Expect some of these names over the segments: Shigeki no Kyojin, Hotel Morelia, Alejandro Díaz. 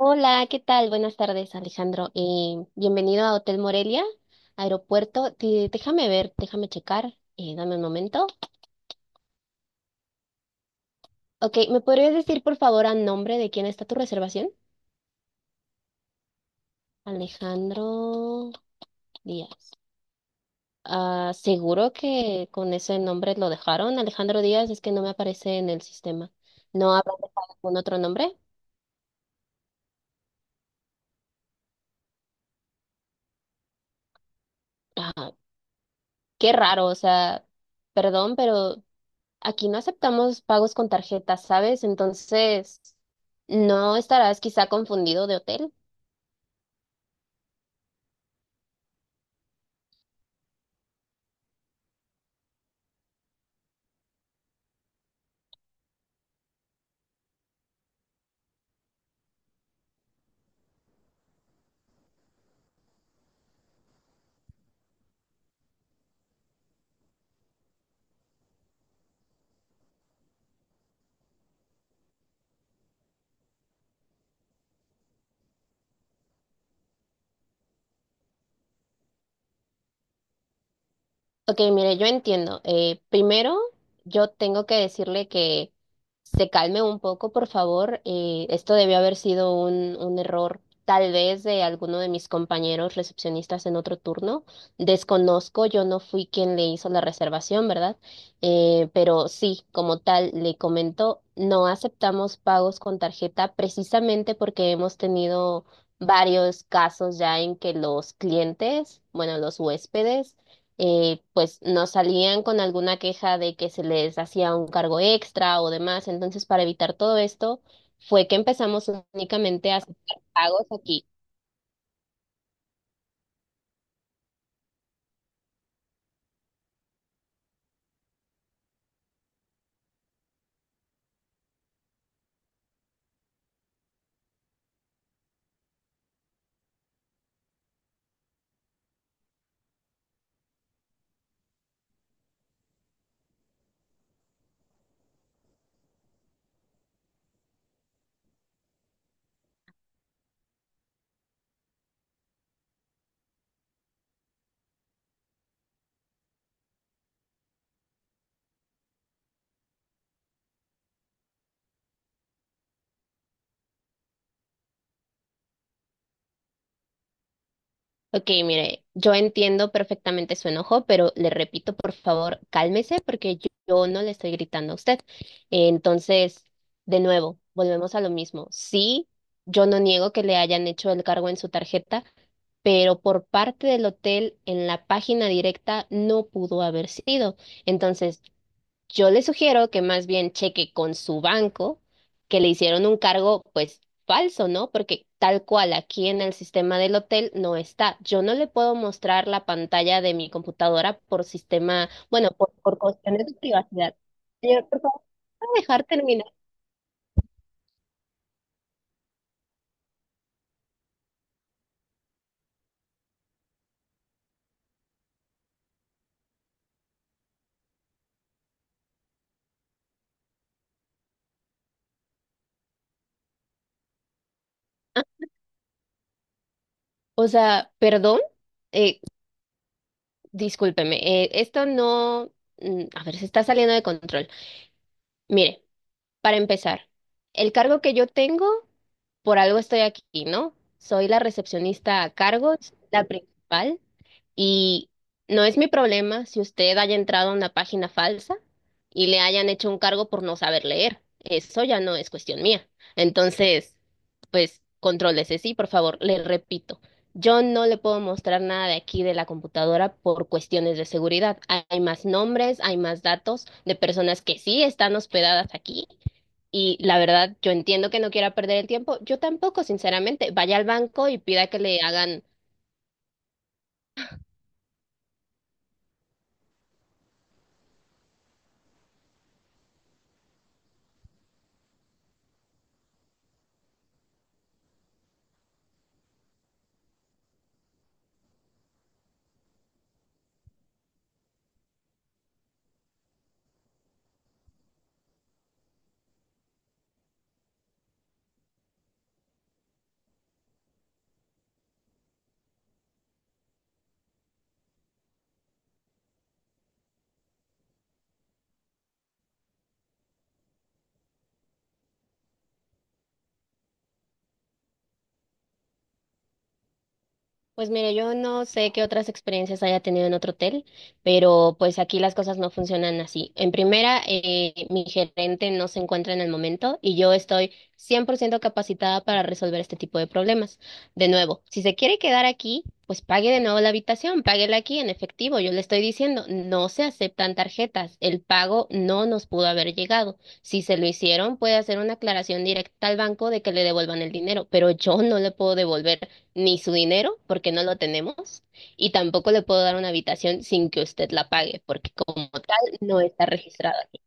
Hola, ¿qué tal? Buenas tardes, Alejandro. Bienvenido a Hotel Morelia, aeropuerto. Déjame ver, déjame checar. Dame un momento. Ok, ¿me podrías decir por favor a nombre de quién está tu reservación? Alejandro Díaz. Ah, seguro que con ese nombre lo dejaron. Alejandro Díaz es que no me aparece en el sistema. ¿No habrá dejado algún otro nombre? Ah, qué raro, o sea, perdón, pero aquí no aceptamos pagos con tarjetas, ¿sabes? Entonces, ¿no estarás quizá confundido de hotel? Ok, mire, yo entiendo. Primero, yo tengo que decirle que se calme un poco, por favor. Esto debió haber sido un error, tal vez de alguno de mis compañeros recepcionistas en otro turno. Desconozco, yo no fui quien le hizo la reservación, ¿verdad? Pero sí, como tal, le comento, no aceptamos pagos con tarjeta precisamente porque hemos tenido varios casos ya en que los clientes, bueno, los huéspedes, pues nos salían con alguna queja de que se les hacía un cargo extra o demás. Entonces, para evitar todo esto, fue que empezamos únicamente a hacer pagos aquí. Ok, mire, yo entiendo perfectamente su enojo, pero le repito, por favor, cálmese porque yo no le estoy gritando a usted. Entonces, de nuevo, volvemos a lo mismo. Sí, yo no niego que le hayan hecho el cargo en su tarjeta, pero por parte del hotel en la página directa no pudo haber sido. Entonces, yo le sugiero que más bien cheque con su banco que le hicieron un cargo, pues falso, ¿no? Porque tal cual aquí en el sistema del hotel no está. Yo no le puedo mostrar la pantalla de mi computadora por sistema, bueno, por cuestiones de privacidad. Señor, por favor, ¿me ¿puede dejar terminar? O sea, perdón, eh, discúlpeme, esto no, a ver, se está saliendo de control. Mire. Para empezar, el cargo que yo tengo, por algo estoy aquí, ¿no? Soy la recepcionista a cargo, es la principal, y no es mi problema si usted haya entrado a una página falsa y le hayan hecho un cargo por no saber leer. Eso ya no es cuestión mía. Entonces, pues, contrólese, sí, por favor, le repito. Yo no le puedo mostrar nada de aquí de la computadora por cuestiones de seguridad. Hay más nombres, hay más datos de personas que sí están hospedadas aquí y la verdad, yo entiendo que no quiera perder el tiempo. Yo tampoco, sinceramente. Vaya al banco y pida que le hagan. Pues mire, yo no sé qué otras experiencias haya tenido en otro hotel, pero pues aquí las cosas no funcionan así. En primera, mi gerente no se encuentra en el momento y yo estoy 100% capacitada para resolver este tipo de problemas. De nuevo, si se quiere quedar aquí, pues pague de nuevo la habitación, páguela aquí en efectivo. Yo le estoy diciendo, no se aceptan tarjetas. El pago no nos pudo haber llegado. Si se lo hicieron, puede hacer una aclaración directa al banco de que le devuelvan el dinero, pero yo no le puedo devolver ni su dinero, porque no lo tenemos, y tampoco le puedo dar una habitación sin que usted la pague, porque como tal no está registrado aquí.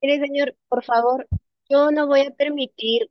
Mire, señor, por favor, yo no voy a permitir.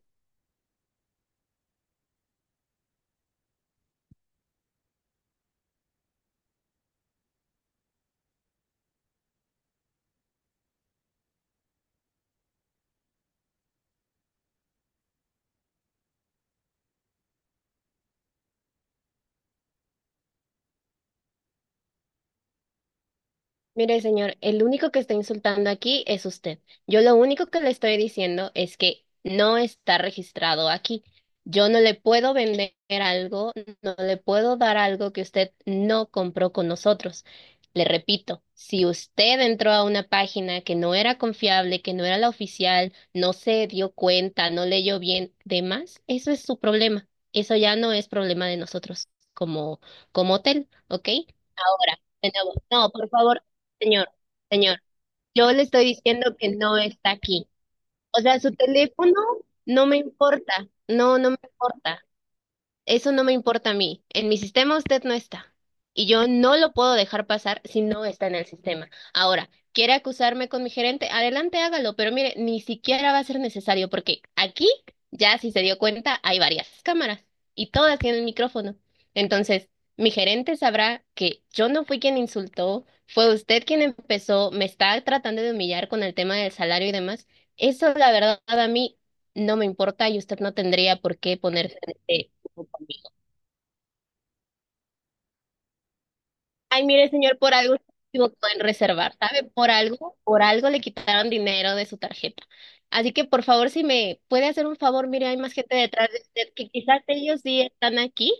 Mire, señor, el único que está insultando aquí es usted. Yo lo único que le estoy diciendo es que no está registrado aquí. Yo no le puedo vender algo, no le puedo dar algo que usted no compró con nosotros. Le repito, si usted entró a una página que no era confiable, que no era la oficial, no se dio cuenta, no leyó bien, demás, eso es su problema. Eso ya no es problema de nosotros como hotel, ¿ok? Ahora, de nuevo, no, por favor. Señor, señor, yo le estoy diciendo que no está aquí. O sea, su teléfono no me importa, no, no me importa. Eso no me importa a mí. En mi sistema usted no está. Y yo no lo puedo dejar pasar si no está en el sistema. Ahora, ¿quiere acusarme con mi gerente? Adelante, hágalo. Pero mire, ni siquiera va a ser necesario porque aquí, ya si se dio cuenta, hay varias cámaras y todas tienen micrófono. Entonces, mi gerente sabrá que yo no fui quien insultó, fue usted quien empezó, me está tratando de humillar con el tema del salario y demás. Eso, la verdad, a mí no me importa y usted no tendría por qué ponerse como conmigo. Ay, mire, señor, por algo se equivocó en reservar, ¿sabe? Por algo le quitaron dinero de su tarjeta. Así que, por favor, si me puede hacer un favor, mire, hay más gente detrás de usted que quizás ellos sí están aquí.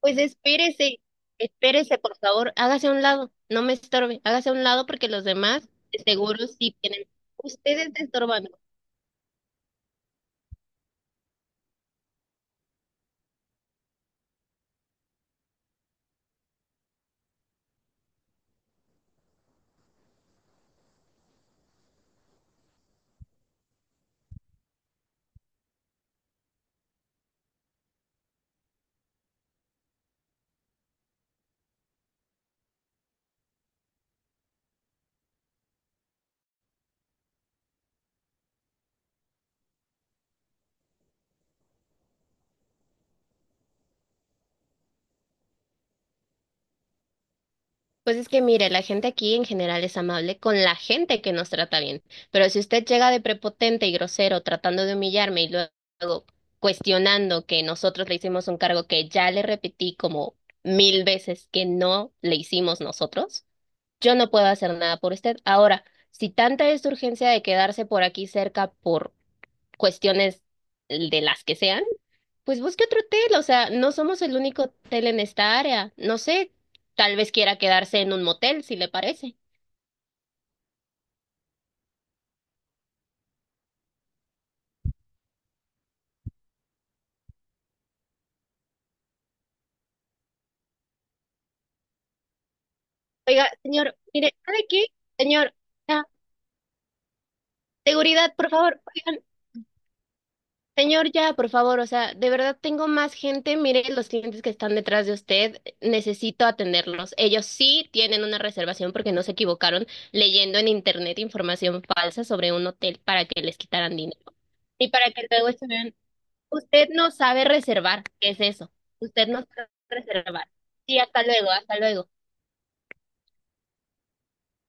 Pues espérese, espérese, por favor, hágase a un lado, no me estorbe, hágase a un lado porque los demás de seguro sí tienen. Usted está estorbando. Pues es que mire, la gente aquí en general es amable con la gente que nos trata bien, pero si usted llega de prepotente y grosero tratando de humillarme y luego cuestionando que nosotros le hicimos un cargo que ya le repetí como mil veces que no le hicimos nosotros, yo no puedo hacer nada por usted. Ahora, si tanta es su urgencia de quedarse por aquí cerca por cuestiones de las que sean, pues busque otro hotel, o sea, no somos el único hotel en esta área. No sé, tal vez quiera quedarse en un motel, si le parece. Oiga, señor, mire, ¿sabe qué? Señor, ya, seguridad, por favor, oigan. Señor, ya, por favor, o sea, de verdad tengo más gente. Mire los clientes que están detrás de usted. Necesito atenderlos. Ellos sí tienen una reservación porque no se equivocaron leyendo en internet información falsa sobre un hotel para que les quitaran dinero. Y para que luego estuvieran. Usted no sabe reservar. ¿Qué es eso? Usted no sabe reservar. Sí, hasta luego, hasta luego.